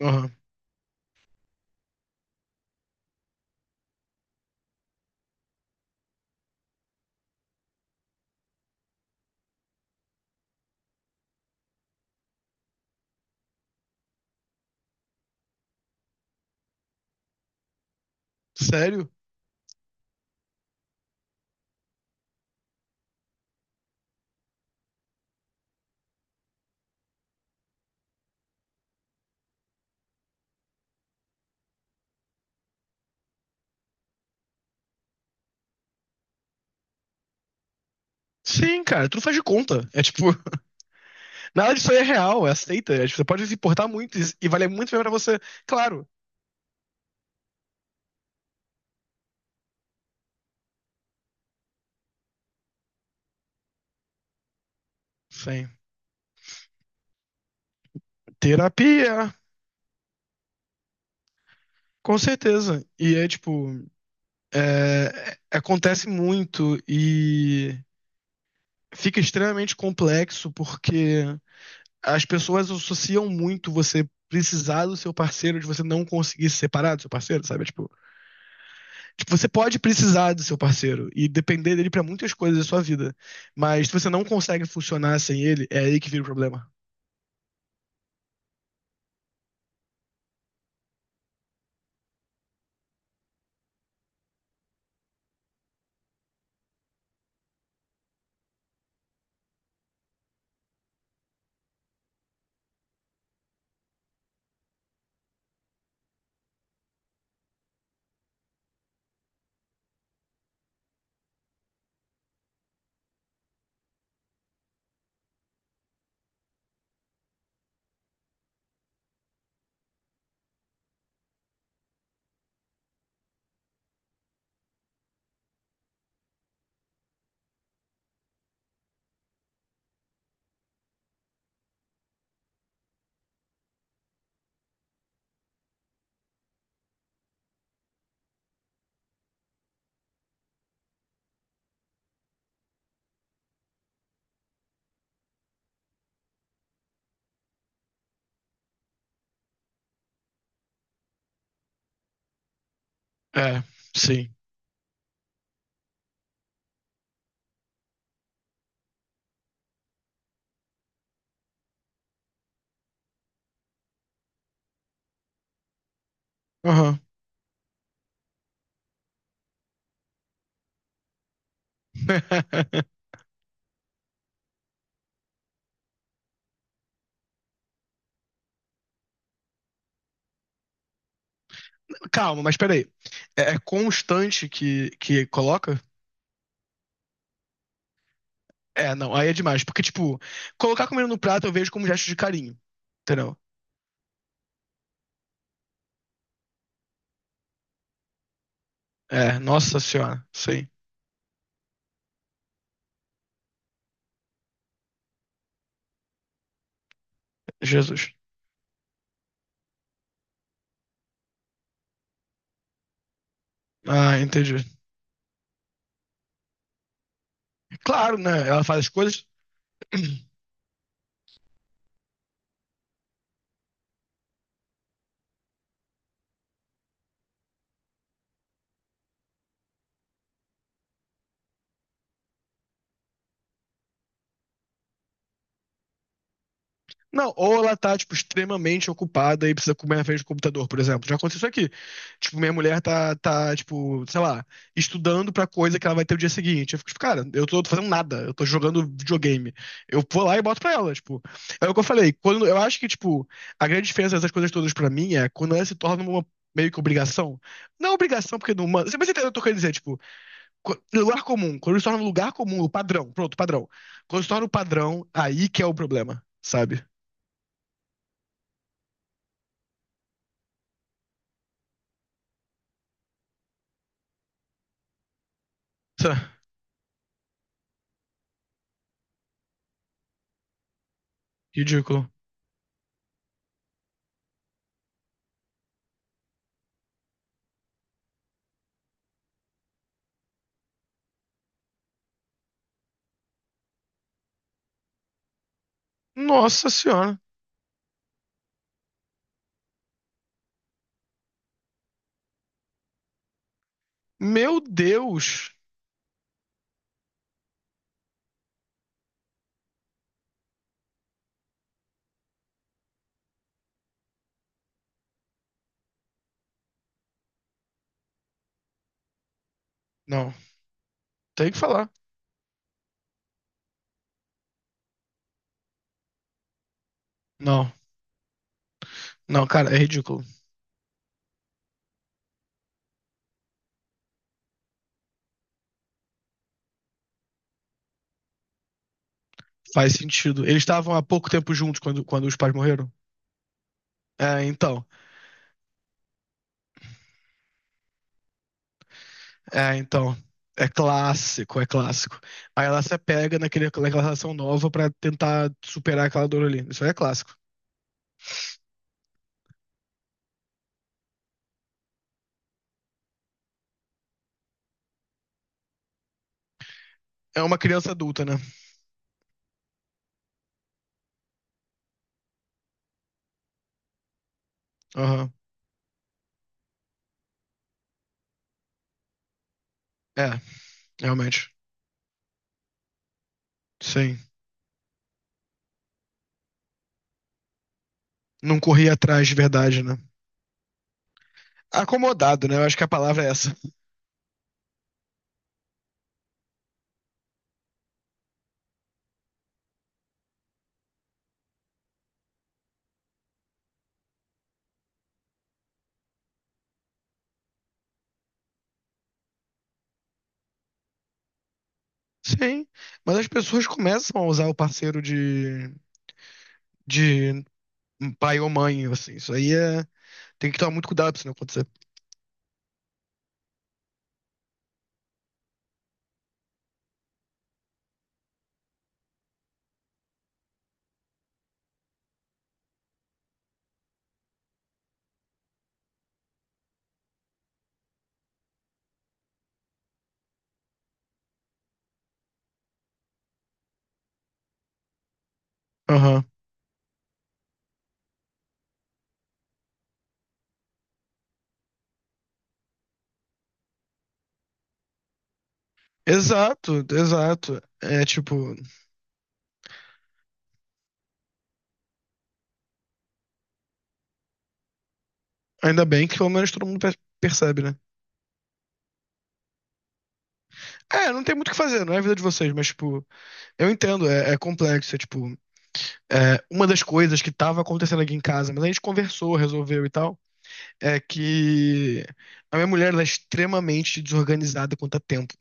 Aham. Sério? Sim, cara, tudo faz de conta. É tipo, nada disso aí é real, é aceita. É, tipo, você pode se importar muito e valer muito bem pra você. Claro. Sim. Terapia, com certeza. E é tipo, acontece muito e fica extremamente complexo porque as pessoas associam muito você precisar do seu parceiro de você não conseguir se separar do seu parceiro, sabe? É, tipo, tipo, você pode precisar do seu parceiro e depender dele pra muitas coisas da sua vida. Mas se você não consegue funcionar sem ele, é aí que vira o problema. É, sim. Aham. Calma, mas peraí. É, é constante que coloca? É, não, aí é demais. Porque, tipo, colocar comida no prato eu vejo como gesto de carinho. Entendeu? É, nossa senhora. Sim. Jesus. Ah, entendi. Claro, né? Ela faz as coisas. Não, ou ela tá, tipo, extremamente ocupada e precisa comer na frente do computador, por exemplo. Já aconteceu isso aqui. Tipo, minha mulher tá, tipo, sei lá, estudando pra coisa que ela vai ter o dia seguinte. Eu fico, tipo, cara, eu tô fazendo nada, eu tô jogando videogame. Eu vou lá e boto pra ela, tipo. É o que eu falei, quando, eu acho que, tipo, a grande diferença dessas coisas todas pra mim é quando ela se torna uma meio que obrigação. Não obrigação, porque não manda. Você vai você entendeu o que eu tô dizer, tipo, lugar comum. Quando se torna um lugar comum, o padrão, pronto, padrão. Quando se torna o padrão, aí que é o problema, sabe? Ridículo. Nossa senhora. Meu Deus. Não, tem que falar. Não, não, cara, é ridículo. Faz sentido. Eles estavam há pouco tempo juntos quando os pais morreram. É, então. É, então. É clássico, é clássico. Aí ela se pega naquela relação nova pra tentar superar aquela dor ali. Isso aí é clássico. É uma criança adulta, né? Aham. É, realmente. Sim. Não corria atrás de verdade, né? Acomodado, né? Eu acho que a palavra é essa. Sim, mas as pessoas começam a usar o parceiro de pai ou mãe, assim. Isso aí é, tem que tomar muito cuidado pra isso não. Aham. Exato, exato. É tipo, ainda bem que pelo menos todo mundo percebe, né? É, não tem muito o que fazer, não é a vida de vocês, mas tipo, eu entendo, é, é complexo, é tipo, é uma das coisas que tava acontecendo aqui em casa, mas a gente conversou, resolveu e tal. É que a minha mulher ela é extremamente desorganizada quanto a tempo.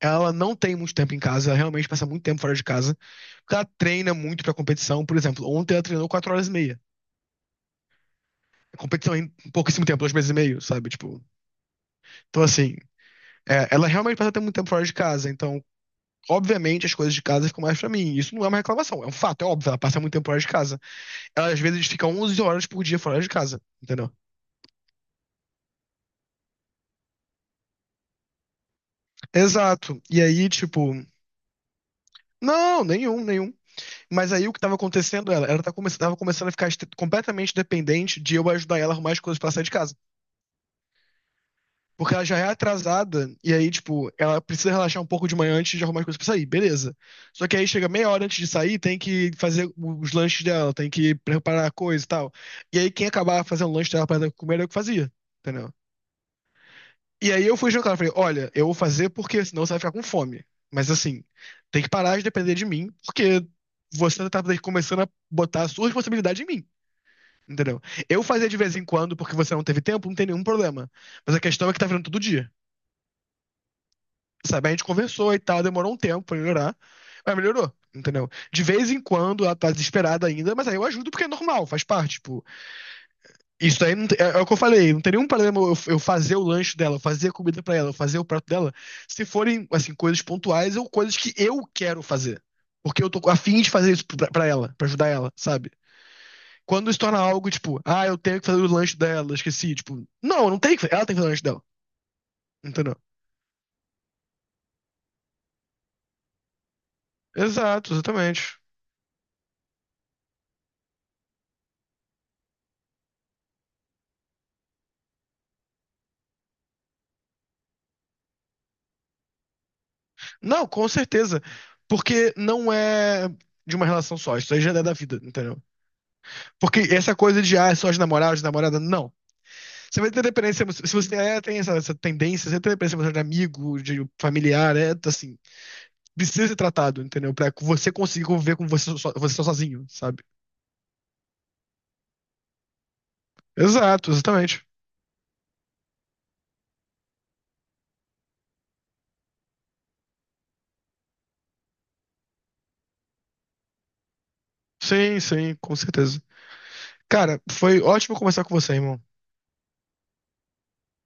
Ela não tem muito tempo em casa, ela realmente passa muito tempo fora de casa, porque ela treina muito pra competição. Por exemplo, ontem ela treinou 4 horas e meia. A competição é em pouquíssimo tempo, 2 meses e meio, sabe? Tipo, então assim, é, ela realmente passa até muito tempo fora de casa, então. Obviamente as coisas de casa ficam mais pra mim. Isso não é uma reclamação, é um fato, é óbvio. Ela passa muito tempo fora de casa. Ela às vezes fica 11 horas por dia fora de casa, entendeu? Exato. E aí, tipo, não, nenhum, nenhum. Mas aí o que estava acontecendo era, ela tava começando a ficar completamente dependente de eu ajudar ela a arrumar as coisas pra sair de casa. Porque ela já é atrasada, e aí, tipo, ela precisa relaxar um pouco de manhã antes de arrumar as coisas pra sair, beleza. Só que aí chega meia hora antes de sair, tem que fazer os lanches dela, tem que preparar a coisa e tal. E aí quem acabava fazendo o lanche dela pra ela comer era eu que fazia, entendeu? E aí eu fui jantar, eu falei, olha, eu vou fazer porque senão você vai ficar com fome. Mas assim, tem que parar de depender de mim, porque você tá começando a botar a sua responsabilidade em mim. Entendeu? Eu fazia de vez em quando, porque você não teve tempo, não tem nenhum problema. Mas a questão é que tá virando todo dia. Sabe? A gente conversou e tal, demorou um tempo pra melhorar, mas melhorou, entendeu? De vez em quando ela tá desesperada ainda, mas aí eu ajudo porque é normal, faz parte. Tipo, isso aí não tem- é, é o que eu falei, não tem nenhum problema eu fazer o lanche dela, eu fazer a comida pra ela, eu fazer o prato dela, se forem, assim, coisas pontuais ou coisas que eu quero fazer. Porque eu tô a fim de fazer isso pra ela, pra ajudar ela, sabe? Quando isso torna algo, tipo, ah, eu tenho que fazer o lanche dela, esqueci. Tipo, não, não tem que fazer. Ela tem que fazer o lanche dela. Entendeu? Exato, exatamente. Não, com certeza. Porque não é de uma relação só. Isso aí já é da vida, entendeu? Porque essa coisa de, ah, é só de namorado, de namorada, não. Você vai ter dependência. Se você tem, é, tem essa tendência, você tem dependência emocional de amigo, de familiar, é assim. Precisa ser tratado, entendeu? Pra você conseguir conviver com você, você sozinho, sabe? Exato, exatamente. Sim, sim, com certeza. Cara, foi ótimo conversar com você, irmão.